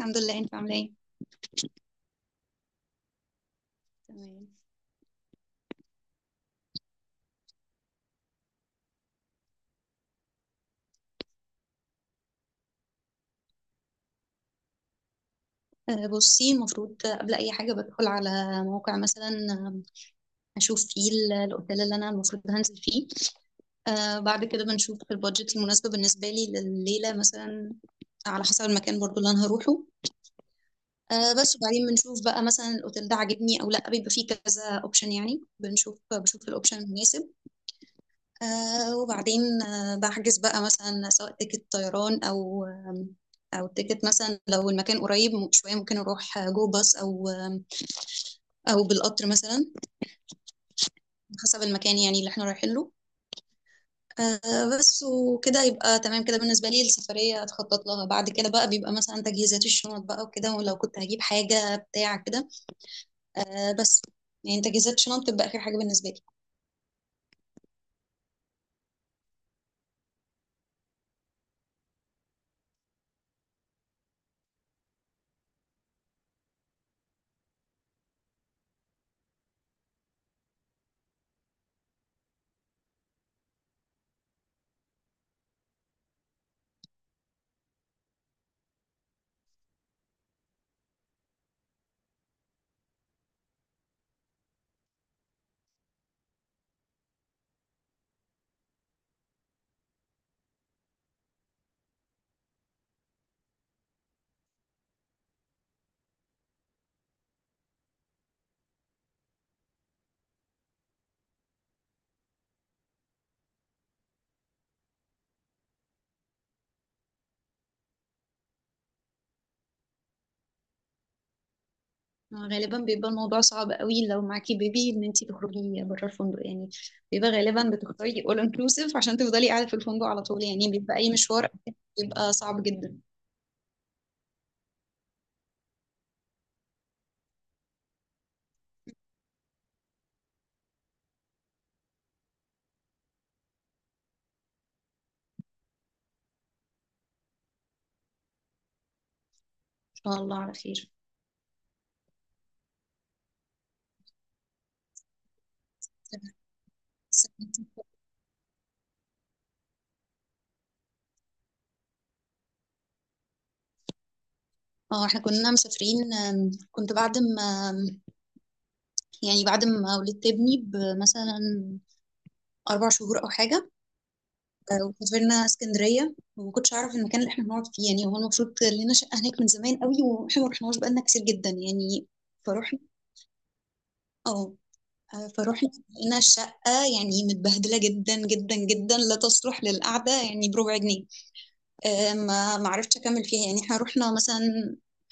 الحمد لله. انت عامله ايه؟ تمام. بصي، المفروض قبل اي حاجه بدخل على موقع مثلا. اشوف فيه الاوتيل اللي انا المفروض هنزل فيه. بعد كده بنشوف البادجت المناسبه بالنسبه لي لليله مثلا، على حسب المكان برضو اللي انا هروحه. بس وبعدين بنشوف بقى مثلا الاوتيل ده عاجبني او لا. بيبقى فيه كذا اوبشن، يعني بشوف الاوبشن المناسب. وبعدين بحجز بقى مثلا سواء تيكت طيران أو أو تيكت مثلا، لو المكان قريب شوية ممكن أروح جو باص أو أو بالقطر مثلا، حسب المكان يعني اللي احنا رايحين له. بس وكده يبقى تمام كده، بالنسبة لي السفرية أتخطط لها. بعد كده بقى بيبقى مثلا تجهيزات الشنط بقى وكده، ولو كنت هجيب حاجة بتاع كده. بس يعني تجهيزات الشنط بتبقى آخر حاجة بالنسبة لي. غالبا بيبقى الموضوع صعب قوي لو معاكي بيبي ان انتي تخرجي بره الفندق يعني. بيبقى غالبا بتختاري all inclusive عشان تفضلي قاعده في الفندق على طول، يعني بيبقى اي مشوار بيبقى صعب جدا ان... شاء الله على خير. اه، احنا كنا مسافرين. كنت بعد ما يعني بعد ما ولدت ابني بمثلا اربع شهور او حاجه. وسافرنا اسكندريه، وما كنتش اعرف المكان اللي احنا هنقعد فيه، يعني هو المفروض لنا شقه هناك من زمان قوي واحنا ما رحناش بقالنا كتير جدا يعني. فروحنا. اه. فروحنا لقينا الشقة يعني متبهدلة جدا جدا جدا، لا تصلح للقعدة يعني بربع جنيه. ما عرفتش أكمل فيها يعني. احنا رحنا مثلا،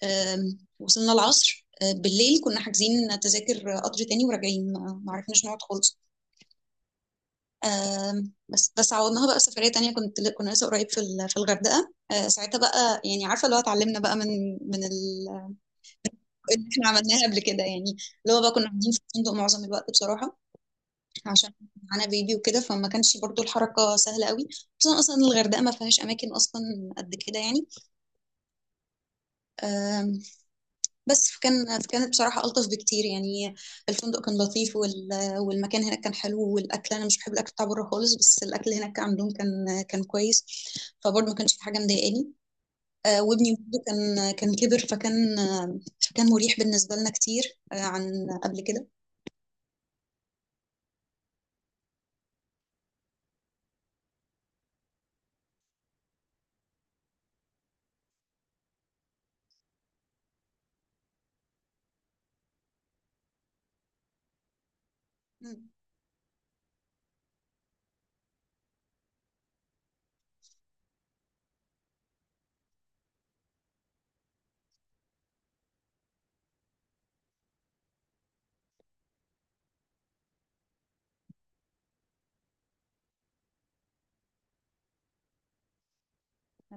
وصلنا العصر. بالليل كنا حاجزين تذاكر قطر تاني وراجعين، ما عرفناش نقعد خالص. بس عوضناها بقى سفرية تانية. كنا لسه قريب في الغردقة ساعتها بقى. يعني عارفة اللي هو اتعلمنا بقى من اللي احنا عملناها قبل كده يعني. اللي هو بقى كنا قاعدين في الفندق معظم الوقت بصراحة، عشان معانا بيبي وكده، فما كانش برضو الحركة سهلة قوي. خصوصا أصلا الغردقة ما فيهاش أماكن أصلا قد كده يعني. آم، بس كانت بصراحة ألطف بكتير يعني. الفندق كان لطيف والمكان هناك كان حلو، والأكل، أنا مش بحب الأكل بتاع بره خالص، بس الأكل هناك كان عندهم كان كويس. فبرضه ما كانش في حاجة مضايقاني. وابني برضه كان كبر فكان مريح بالنسبة لنا كتير عن قبل كده.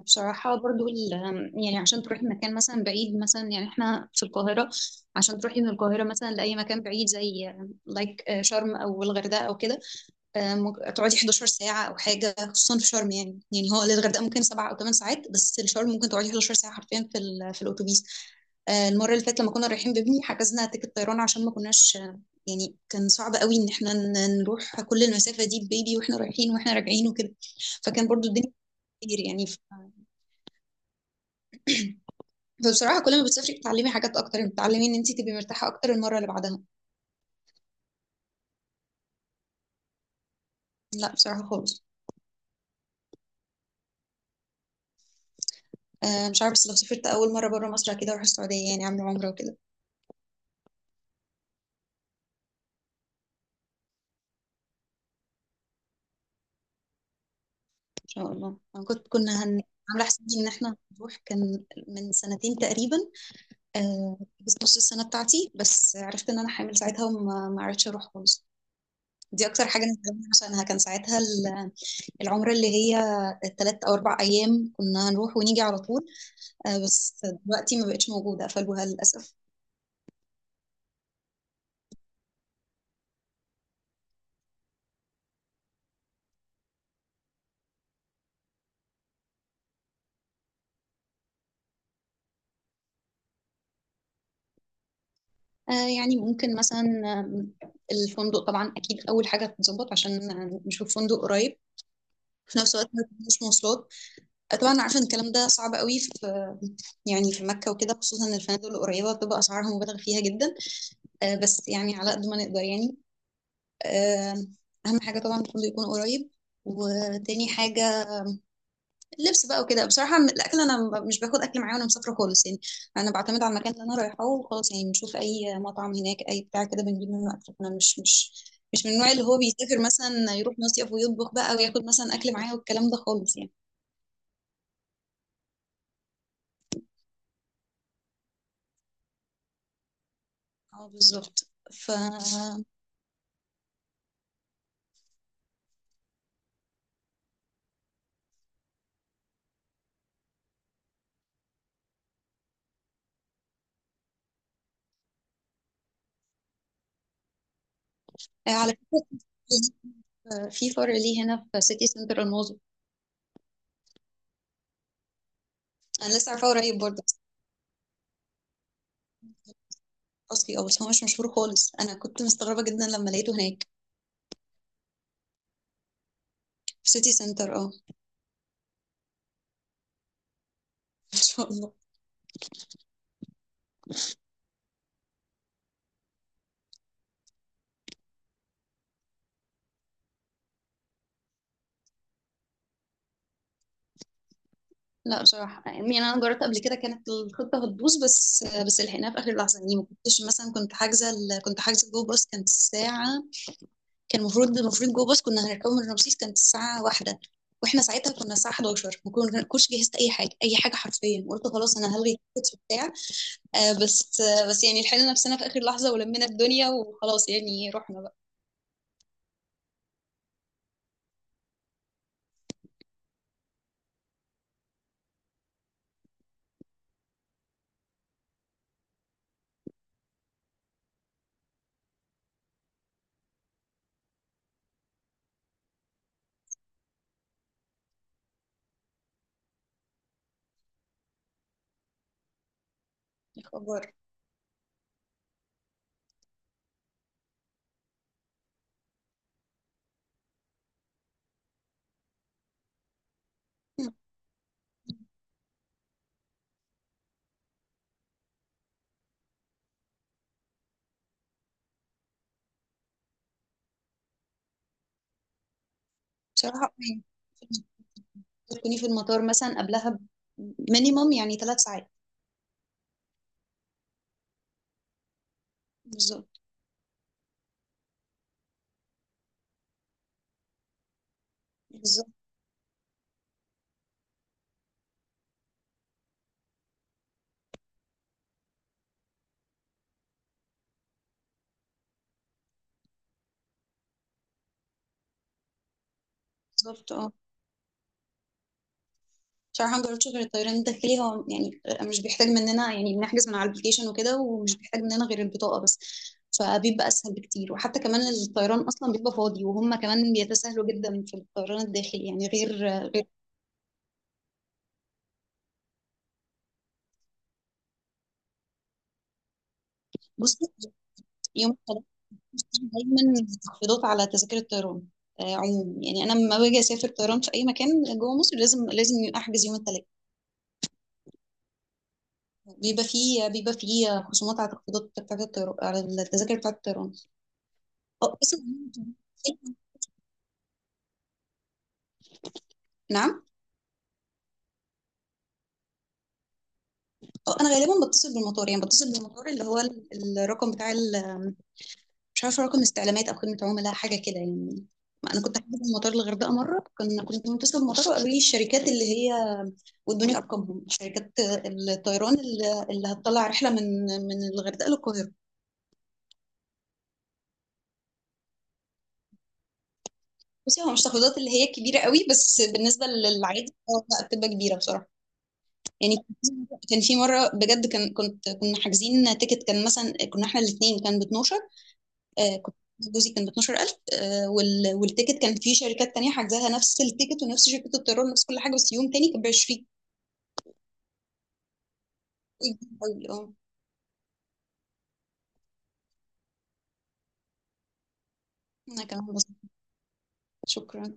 بصراحة برضو، يعني عشان تروحي مكان مثلا بعيد، مثلا يعني احنا في القاهرة، عشان تروحي من القاهرة مثلا لأي مكان بعيد زي لايك شرم أو الغردقة أو كده. ممكن تقعدي 11 ساعة أو حاجة، خصوصا في شرم. يعني هو للغردقة ممكن 7 أو 8 ساعات، بس الشرم ممكن تقعدي 11 ساعة حرفيا في الأتوبيس. المرة اللي فاتت لما كنا رايحين بابني حجزنا تيكت طيران، عشان ما كناش. يعني كان صعب قوي ان احنا نروح كل المسافة دي ببيبي واحنا رايحين واحنا راجعين وكده. فكان برضو الدنيا كتير يعني. فبصراحة كل ما بتسافري بتتعلمي حاجات أكتر، بتتعلمي إن أنت تبقي مرتاحة أكتر المرة اللي بعدها. لا، بصراحة خالص. مش عارفة، بس لو سافرت أول مرة بره مصر كده أروح السعودية، يعني أعمل عمرة وكده. إن شاء الله. أنا كنا هن... عاملة حسابي إن إحنا هنروح، كان من سنتين تقريبا. آه بس نص السنة بتاعتي بس عرفت إن أنا حامل ساعتها، وما ما عرفتش أروح خالص. دي أكتر حاجة ندمت عشانها. كان ساعتها العمرة اللي هي تلات أو أربع أيام، كنا هنروح ونيجي على طول. بس دلوقتي ما بقتش موجودة، قفلوها للأسف. آه، يعني ممكن مثلا، آم، الفندق طبعا اكيد اول حاجه تتظبط عشان نشوف فندق قريب، في نفس الوقت ما تكونش مواصلات. طبعا عارفه ان الكلام ده صعب قوي يعني في مكه وكده، خصوصا إن الفنادق القريبه بتبقى اسعارها مبالغ فيها جدا. بس يعني على قد ما نقدر يعني. آه، اهم حاجه طبعا الفندق يكون قريب، وتاني حاجه اللبس بقى وكده. بصراحة الأكل، أنا مش باخد أكل معايا وأنا مسافرة خالص يعني. أنا بعتمد على المكان اللي أنا رايحاه وخلاص، يعني بنشوف أي مطعم هناك أي بتاع كده بنجيب منه أكل. أنا مش من النوع اللي هو بيسافر مثلا يروح مصيف ويطبخ بقى وياخد مثلا أكل معاه والكلام ده خالص يعني. اه، بالظبط. ف آه، على فكرة، في فرع ليه هنا في سيتي سنتر الماظة. أنا لسه عارفاه قريب برضه. أصلي. بس هو مش مشهور خالص، أنا كنت مستغربة جدا لما لقيته هناك. في سيتي سنتر. أه. إن شاء الله. لا بصراحة، يعني أنا جربت قبل كده كانت الخطة هتبوظ، بس لحقناها في آخر لحظة يعني. ما كنتش مثلا، كنت حاجزة جو باص، كانت الساعة كان المفروض جو باص كنا هنركبه من رمسيس، كانت الساعة واحدة. واحنا ساعتها كنا الساعة 11، ما كن- كنتش جهزت أي حاجة أي حاجة حرفيا. قلت خلاص، أنا هلغي التيكت بتاع. بس يعني لحقنا نفسنا في آخر لحظة ولمينا الدنيا وخلاص، يعني رحنا بقى. الخبر. بصراحة يعني تكوني في المطار مثلا قبلها مينيموم يعني ثلاث ساعات. بالظبط. بالضبط اه. بصراحة مجربتش غير الطيران الداخلي. هو يعني مش بيحتاج مننا، يعني بنحجز من على الابليكيشن وكده، ومش بيحتاج مننا غير البطاقة بس. فبيبقى أسهل بكتير. وحتى كمان الطيران أصلا بيبقى فاضي، وهم كمان بيتساهلوا جدا في الطيران الداخلي يعني. غير بصي، يوم الثلاث دايما تخفيضات على تذاكر الطيران. عموما يعني، أنا لما باجي أسافر طيران في أي مكان جوه مصر لازم أحجز يوم الثلاث. بيبقى فيه خصومات على تخفيضات بتاعت الطيران، على التذاكر بتاعت الطيران. اه بس. نعم. انا غالبا بتصل بالمطار، يعني بتصل بالمطار اللي هو الرقم مش عارفه رقم استعلامات او خدمه عملاء حاجه كده يعني. ما انا كنت حاجه في المطار الغردقه مره، كنت متصل بالمطار وقالوا لي الشركات اللي هي، وادوني ارقامهم شركات الطيران اللي هتطلع رحله من الغردقه للقاهره. بصي، هو مش تخفيضات اللي هي كبيره قوي، بس بالنسبه للعادي اه لا، بتبقى كبيره بصراحه. يعني كان في مره بجد، كان كنت كنا حاجزين تيكت، كان مثلا كنا احنا الاثنين كان ب 12. آه، كنت جوزي كان ب 12,000. والتيكت كان في شركات تانية حجزاها، نفس التيكت ونفس شركة الطيران ونفس كل حاجة، بس يوم تاني كان ب 20. اه، انا كمان بس. شكرا.